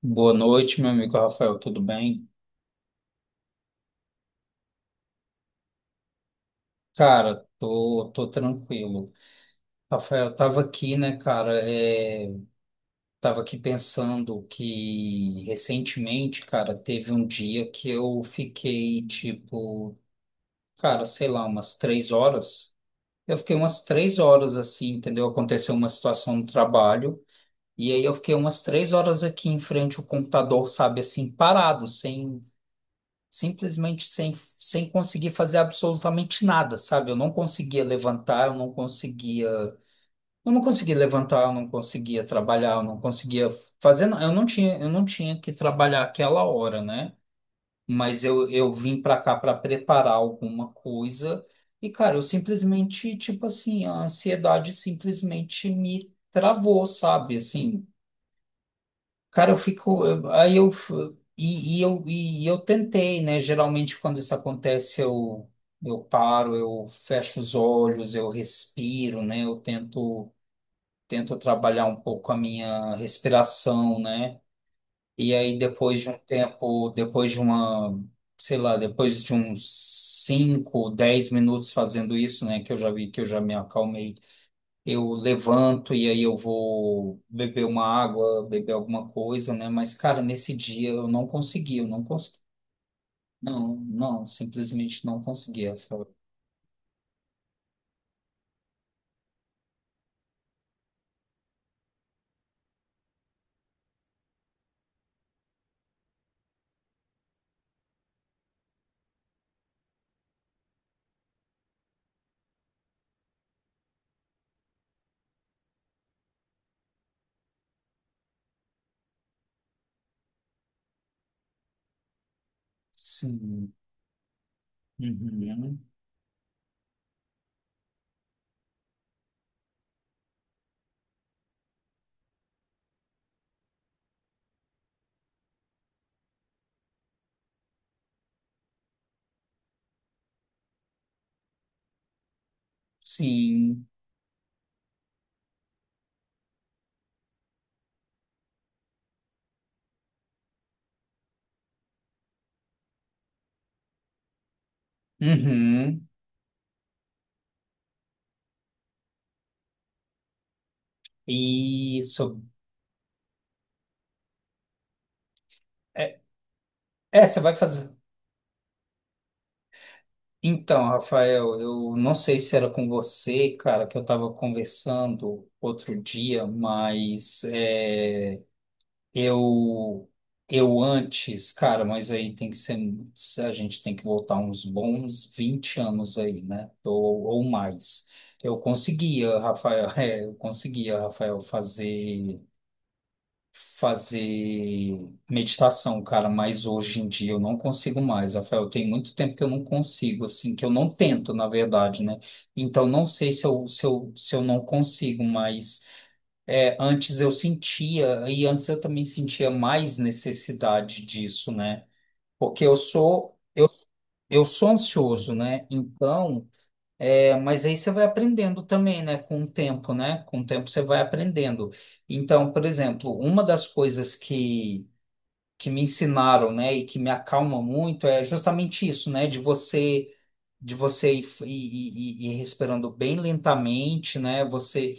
Boa noite, meu amigo Rafael, tudo bem? Cara, tô tranquilo. Rafael, tava aqui, né, cara, tava aqui pensando que recentemente, cara, teve um dia que eu fiquei, tipo, cara, sei lá, umas 3 horas. Eu fiquei umas 3 horas assim, entendeu? Aconteceu uma situação no trabalho, e aí eu fiquei umas 3 horas aqui em frente ao computador, sabe, assim, parado, sem simplesmente sem, sem conseguir fazer absolutamente nada, sabe? Eu não conseguia levantar, eu não conseguia levantar, eu não conseguia trabalhar, eu não conseguia fazer, eu não tinha que trabalhar aquela hora, né? Mas eu vim para cá para preparar alguma coisa e, cara, eu simplesmente, tipo assim, a ansiedade simplesmente me travou, sabe? Assim, cara, eu fico. Eu- Aí eu. F- E, e eu tentei, né? Geralmente, quando isso acontece, eu paro, eu fecho os olhos, eu respiro, né? Eu tento trabalhar um pouco a minha respiração, né? E aí, depois de um tempo, depois de uma. sei lá, depois de uns 5, 10 minutos fazendo isso, né? Que eu já vi que eu já me acalmei, eu levanto e aí eu vou beber uma água, beber alguma coisa, né? Mas, cara, nesse dia eu não consegui, eu não consegui. Não, não, simplesmente não consegui, Rafael. Sim. Uhum. Sim. Uhum. Isso. É, você vai fazer. Então, Rafael, eu não sei se era com você, cara, que eu estava conversando outro dia, mas. Eu, eu antes, cara, mas aí tem que ser, a gente tem que voltar uns bons 20 anos aí, né? Ou mais. Eu conseguia, Rafael, eu conseguia, Rafael, fazer meditação, cara, mas hoje em dia eu não consigo mais, Rafael. Tem muito tempo que eu não consigo, assim, que eu não tento, na verdade, né? Então não sei se eu não consigo mais. É, antes eu sentia, e antes eu também sentia mais necessidade disso, né? Porque eu sou ansioso, né? Então, mas aí você vai aprendendo também, né? Com o tempo, né? Com o tempo você vai aprendendo. Então, por exemplo, uma das coisas que me ensinaram, né? E que me acalma muito é justamente isso, né? De você ir respirando bem lentamente, né? Você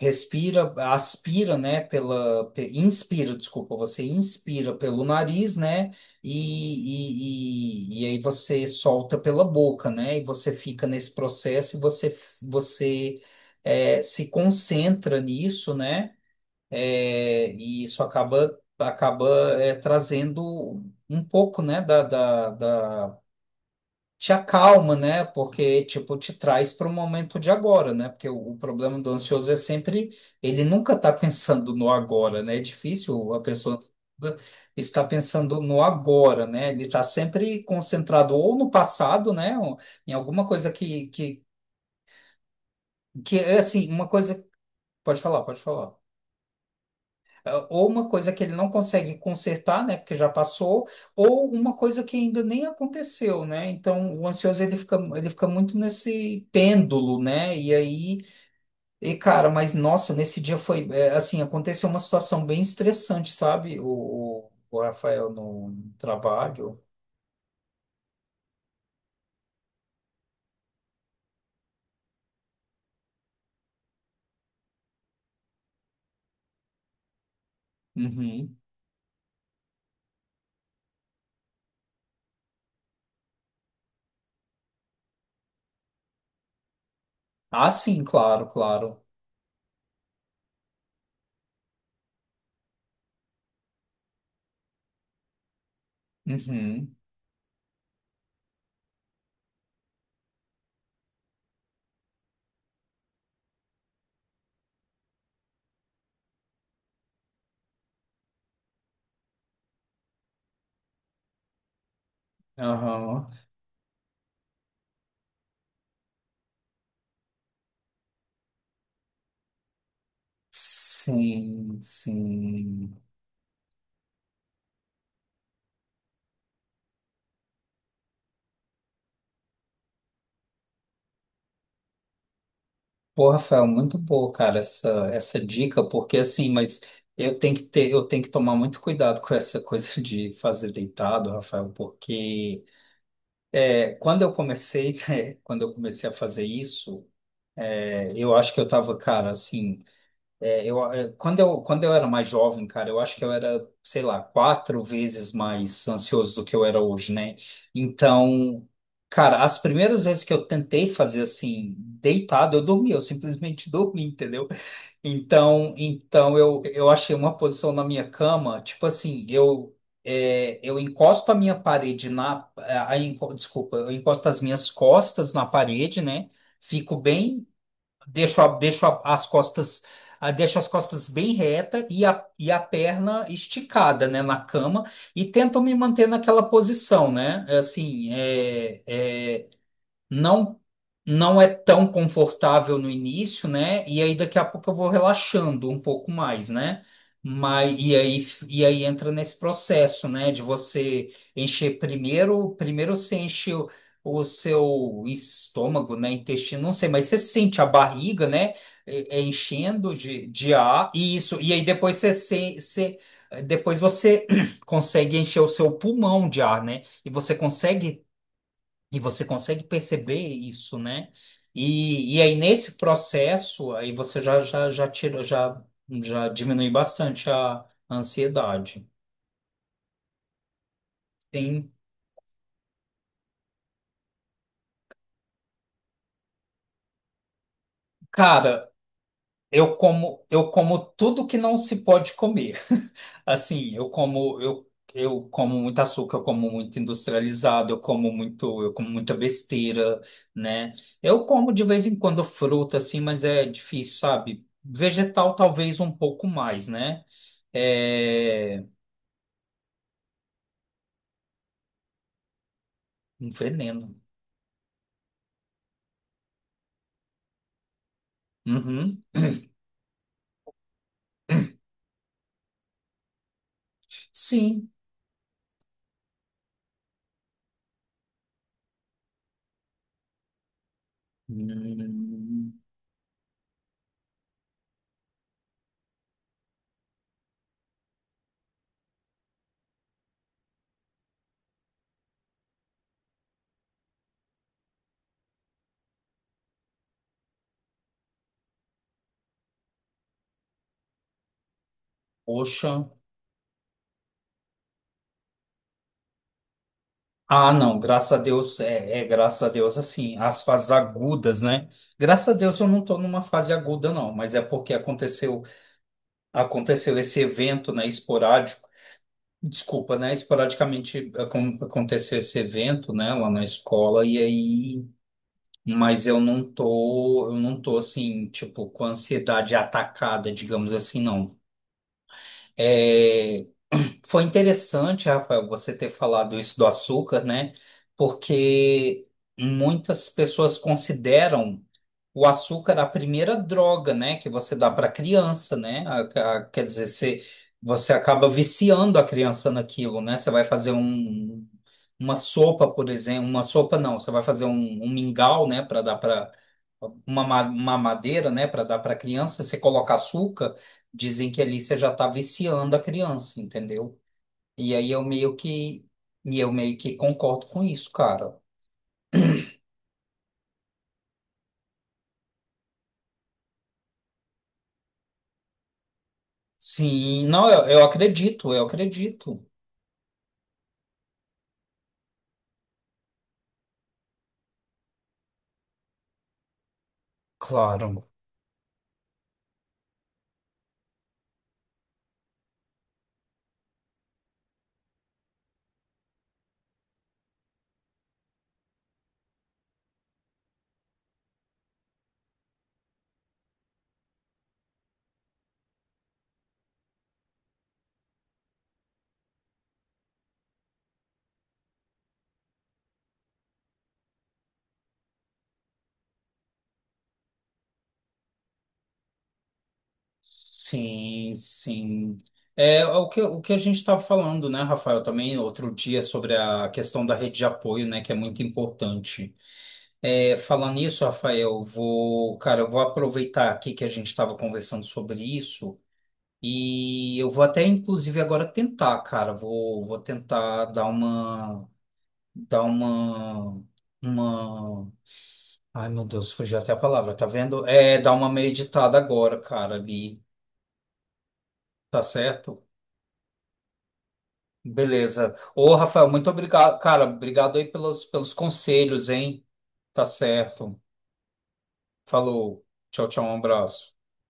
respira, aspira, né, inspira, desculpa, você inspira pelo nariz, né, e aí você solta pela boca, né, e você fica nesse processo e você, você se concentra nisso, né, e isso acaba trazendo um pouco, né, te acalma, né? Porque, tipo, te traz para o momento de agora, né? Porque o problema do ansioso é sempre, ele nunca tá pensando no agora, né? É difícil a pessoa estar pensando no agora, né? Ele tá sempre concentrado ou no passado, né? Ou em alguma coisa que é assim, uma coisa. Pode falar, pode falar. Ah, ou uma coisa que ele não consegue consertar, né, porque já passou, ou uma coisa que ainda nem aconteceu, né? Então, o ansioso ele fica muito nesse pêndulo, né? E aí, e cara, mas nossa, nesse dia foi, é, assim, aconteceu uma situação bem estressante, sabe? O Rafael no trabalho. Uhum. Ah, sim, claro, claro. Uhum. Aham. Sim, sim. Pô, Rafael, muito boa, cara, essa dica, porque assim, mas eu tenho que ter, eu tenho que tomar muito cuidado com essa coisa de fazer deitado, Rafael, porque quando eu comecei, né, quando eu comecei a fazer isso, eu acho que eu tava, cara, assim, é, eu, é, quando eu era mais jovem, cara, eu acho que eu era, sei lá, quatro vezes mais ansioso do que eu era hoje, né? Então, cara, as primeiras vezes que eu tentei fazer assim, deitado, eu dormi, eu simplesmente dormi, entendeu? Então, então eu achei uma posição na minha cama, tipo assim, eu encosto a minha parede na, a enco- desculpa, eu encosto as minhas costas na parede, né? Fico bem, deixo, a- deixo a- as costas, ah, deixo as costas bem reta e a perna esticada, né, na cama e tento me manter naquela posição, né? Assim, não não é tão confortável no início, né? E aí daqui a pouco eu vou relaxando um pouco mais, né? Mas e aí entra nesse processo, né, de você encher primeiro, primeiro você enche o seu estômago, né, intestino, não sei, mas você sente a barriga, né, enchendo de ar e isso e aí depois você, depois você consegue encher o seu pulmão de ar, né? E você consegue perceber isso, né? E aí, nesse processo, aí você já, já tirou, já, já diminui bastante a ansiedade. Tem, cara, eu como, eu como tudo que não se pode comer. Assim, eu como, eu como muito açúcar, eu como muito industrializado, eu como muito, eu como muita besteira, né? Eu como de vez em quando fruta, assim, mas é difícil, sabe? Vegetal talvez um pouco mais, né? É um veneno. Uhum. Sim. Hum, poxa. Ah, não, graças a Deus, graças a Deus, assim, as fases agudas, né? Graças a Deus eu não estou numa fase aguda, não, mas é porque aconteceu, aconteceu esse evento, né, esporádico, desculpa, né, esporadicamente aconteceu esse evento, né, lá na escola, e aí, mas eu não tô, assim, tipo, com ansiedade atacada, digamos assim, não. É, foi interessante, Rafael, você ter falado isso do açúcar, né? Porque muitas pessoas consideram o açúcar a primeira droga, né, que você dá para criança, né? Quer dizer, você, você acaba viciando a criança naquilo, né? Você vai fazer um, uma sopa, por exemplo, uma sopa não, você vai fazer um, um mingau, né, para dar para uma, uma madeira, né, para dar para criança, você coloca açúcar, dizem que ali você já está viciando a criança, entendeu? E aí eu meio que concordo com isso, cara. Sim, não, eu acredito, eu acredito. Claro. Sim, sim. É o que a gente estava falando, né, Rafael, também outro dia sobre a questão da rede de apoio, né, que é muito importante. É, falando nisso, Rafael, vou, cara, eu vou aproveitar aqui que a gente estava conversando sobre isso e eu vou até, inclusive, agora tentar, cara, vou tentar dar uma dá uma, uma, ai meu Deus, fugiu até a palavra, tá vendo? É, dá uma meditada agora, cara, bi, tá certo? Beleza. Ô, Rafael, muito obrigado, cara, obrigado aí pelos conselhos, hein? Tá certo. Falou. Tchau, tchau, um abraço.